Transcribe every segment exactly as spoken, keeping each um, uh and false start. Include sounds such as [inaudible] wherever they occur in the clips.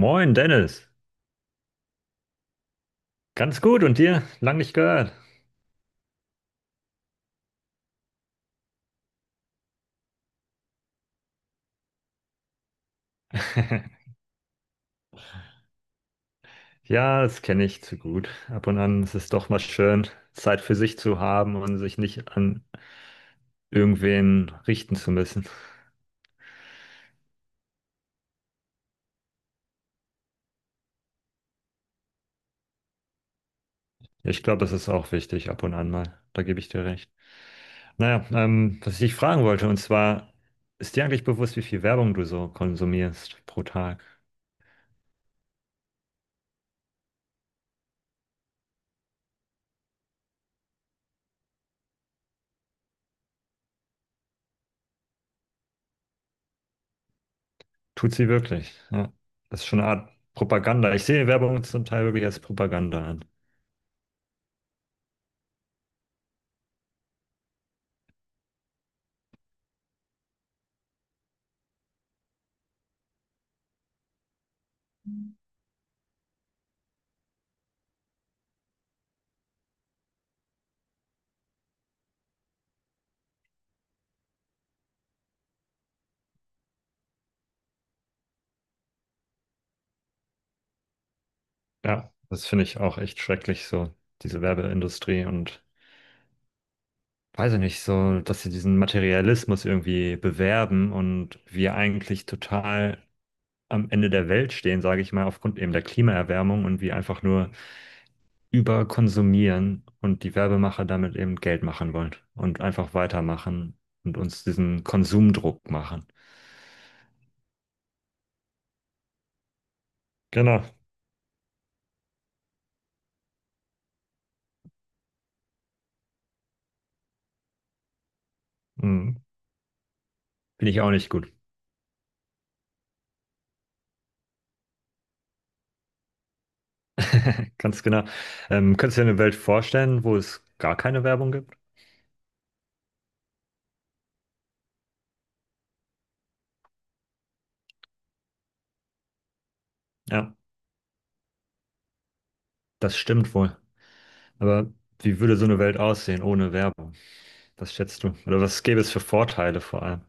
Moin Dennis, ganz gut und dir? Lang nicht gehört. [laughs] Ja, das kenne ich zu gut. Ab und an ist es doch mal schön, Zeit für sich zu haben und sich nicht an irgendwen richten zu müssen. Ich glaube, das ist auch wichtig, ab und an mal. Da gebe ich dir recht. Naja, ähm, was ich dich fragen wollte, und zwar, ist dir eigentlich bewusst, wie viel Werbung du so konsumierst pro Tag? Tut sie wirklich? Ja. Das ist schon eine Art Propaganda. Ich sehe Werbung zum Teil wirklich als Propaganda an. Ja, das finde ich auch echt schrecklich, so diese Werbeindustrie und weiß ich nicht, so, dass sie diesen Materialismus irgendwie bewerben und wir eigentlich total am Ende der Welt stehen, sage ich mal, aufgrund eben der Klimaerwärmung und wir einfach nur überkonsumieren und die Werbemacher damit eben Geld machen wollen und einfach weitermachen und uns diesen Konsumdruck machen. Genau. Hm. Finde ich auch nicht gut. Ganz genau. Ähm, könntest du dir eine Welt vorstellen, wo es gar keine Werbung gibt? Ja, das stimmt wohl. Aber wie würde so eine Welt aussehen ohne Werbung? Was schätzt du? Oder was gäbe es für Vorteile vor allem?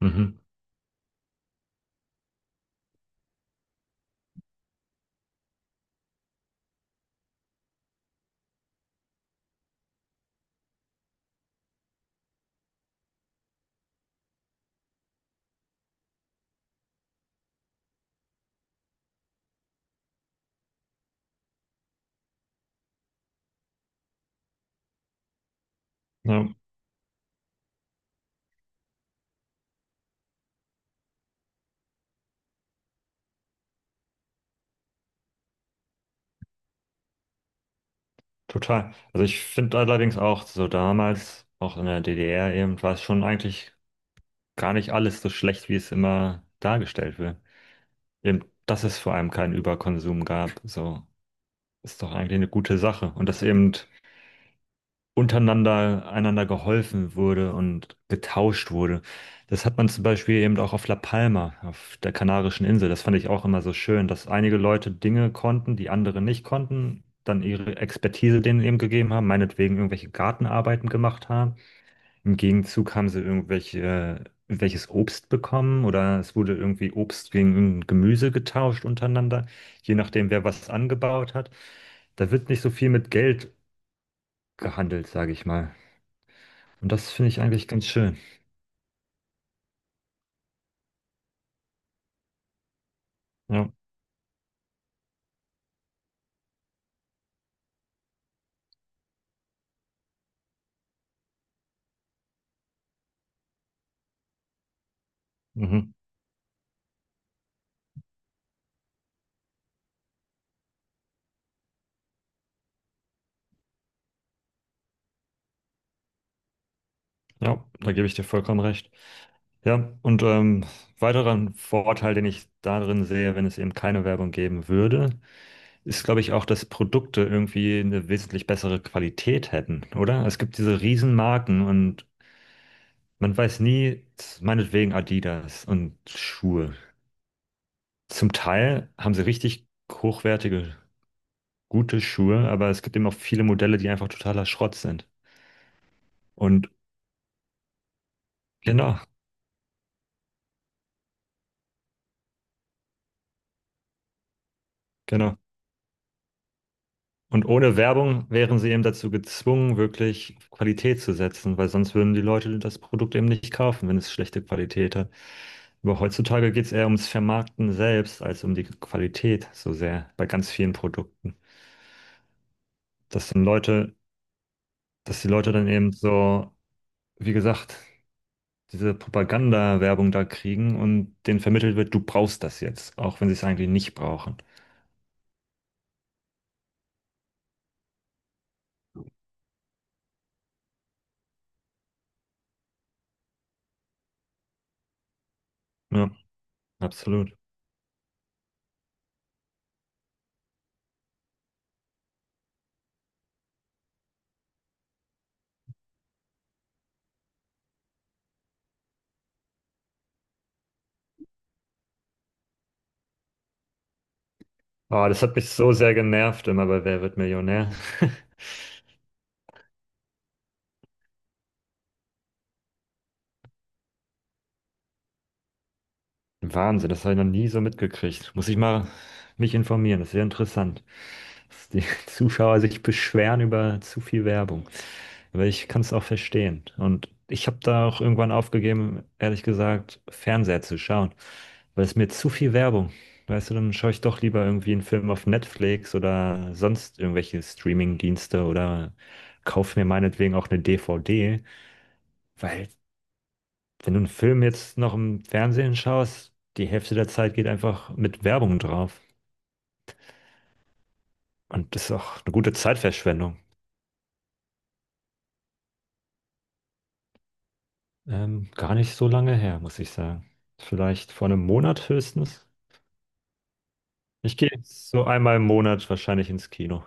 Mhm. Ja, total. Also ich finde allerdings auch so damals, auch in der D D R eben, war es schon eigentlich gar nicht alles so schlecht, wie es immer dargestellt wird. Eben, dass es vor allem keinen Überkonsum gab, so ist doch eigentlich eine gute Sache. Und dass eben untereinander einander geholfen wurde und getauscht wurde. Das hat man zum Beispiel eben auch auf La Palma, auf der Kanarischen Insel. Das fand ich auch immer so schön, dass einige Leute Dinge konnten, die andere nicht konnten, dann ihre Expertise denen eben gegeben haben, meinetwegen irgendwelche Gartenarbeiten gemacht haben. Im Gegenzug haben sie irgendwelche, äh, irgendwelches Obst bekommen oder es wurde irgendwie Obst gegen irgendein Gemüse getauscht untereinander, je nachdem, wer was angebaut hat. Da wird nicht so viel mit Geld gehandelt, sage ich mal. Und das finde ich eigentlich ganz schön. Ja, mhm. Ja, da gebe ich dir vollkommen recht. Ja, und ähm, weiterer Vorteil, den ich darin sehe, wenn es eben keine Werbung geben würde, ist, glaube ich, auch, dass Produkte irgendwie eine wesentlich bessere Qualität hätten, oder? Es gibt diese Riesenmarken und man weiß nie, meinetwegen Adidas und Schuhe. Zum Teil haben sie richtig hochwertige, gute Schuhe, aber es gibt eben auch viele Modelle, die einfach totaler Schrott sind. Und genau, genau. Und ohne Werbung wären sie eben dazu gezwungen, wirklich auf Qualität zu setzen, weil sonst würden die Leute das Produkt eben nicht kaufen, wenn es schlechte Qualität hat. Aber heutzutage geht es eher ums Vermarkten selbst als um die Qualität so sehr bei ganz vielen Produkten. Dass dann Leute, dass die Leute dann eben so, wie gesagt, diese Propaganda-Werbung da kriegen und denen vermittelt wird, du brauchst das jetzt, auch wenn sie es eigentlich nicht brauchen. Ja, absolut. Ah, das hat mich so sehr genervt immer bei Wer wird Millionär. [laughs] Wahnsinn, das habe ich noch nie so mitgekriegt. Muss ich mal mich informieren, das ist sehr interessant, dass die [laughs] Zuschauer sich beschweren über zu viel Werbung. Aber ich kann es auch verstehen. Und ich habe da auch irgendwann aufgegeben, ehrlich gesagt, Fernseher zu schauen, weil es mir zu viel Werbung. Weißt du, dann schaue ich doch lieber irgendwie einen Film auf Netflix oder sonst irgendwelche Streaming-Dienste oder kaufe mir meinetwegen auch eine D V D. Weil wenn du einen Film jetzt noch im Fernsehen schaust, die Hälfte der Zeit geht einfach mit Werbung drauf. Und das ist auch eine gute Zeitverschwendung. Ähm, gar nicht so lange her, muss ich sagen. Vielleicht vor einem Monat höchstens. Ich gehe jetzt so einmal im Monat wahrscheinlich ins Kino.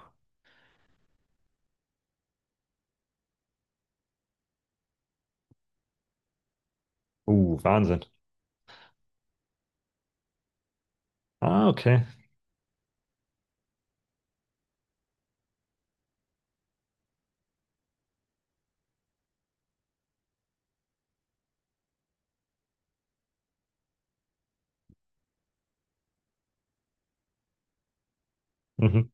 Uh, Wahnsinn. Ah, okay. Mhm.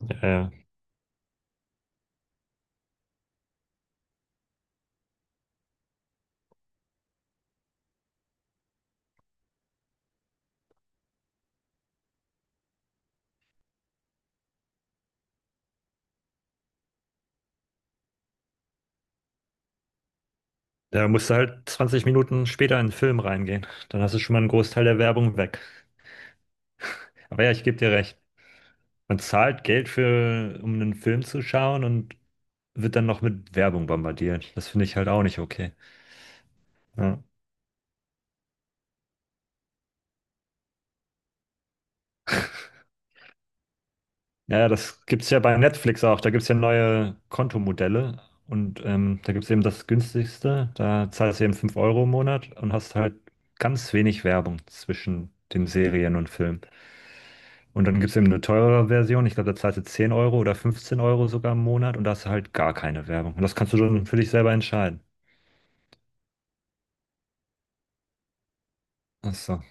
Ja, ja. Da musst du halt zwanzig Minuten später in den Film reingehen. Dann hast du schon mal einen Großteil der Werbung weg. Aber ja, ich gebe dir recht. Man zahlt Geld für, um einen Film zu schauen und wird dann noch mit Werbung bombardiert. Das finde ich halt auch nicht okay. Ja. Naja, das gibt es ja bei Netflix auch. Da gibt es ja neue Kontomodelle und ähm, da gibt es eben das günstigste. Da zahlst du eben fünf Euro im Monat und hast halt ganz wenig Werbung zwischen den Serien und Filmen. Und dann gibt es eben eine teurere Version. Ich glaube, da zahlst du zehn Euro oder fünfzehn Euro sogar im Monat und da hast du halt gar keine Werbung. Und das kannst du dann für dich selber entscheiden. Ach so.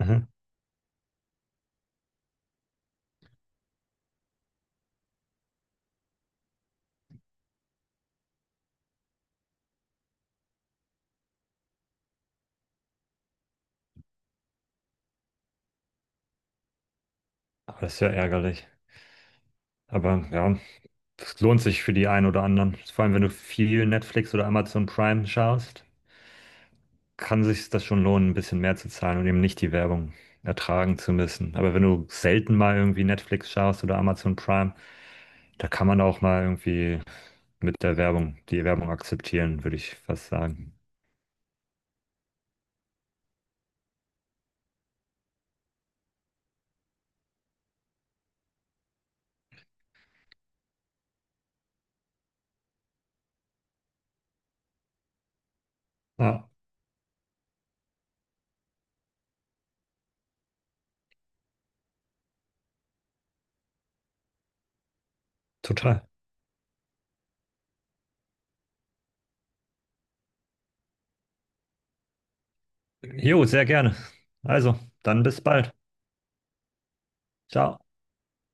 Mhm. Aber das ist ja ärgerlich. Aber ja, es lohnt sich für die einen oder anderen. Vor allem, wenn du viel Netflix oder Amazon Prime schaust, kann sich das schon lohnen, ein bisschen mehr zu zahlen und eben nicht die Werbung ertragen zu müssen. Aber wenn du selten mal irgendwie Netflix schaust oder Amazon Prime, da kann man auch mal irgendwie mit der Werbung, die Werbung akzeptieren, würde ich fast sagen. Ja, total. Jo, sehr gerne. Also, dann bis bald. Ciao.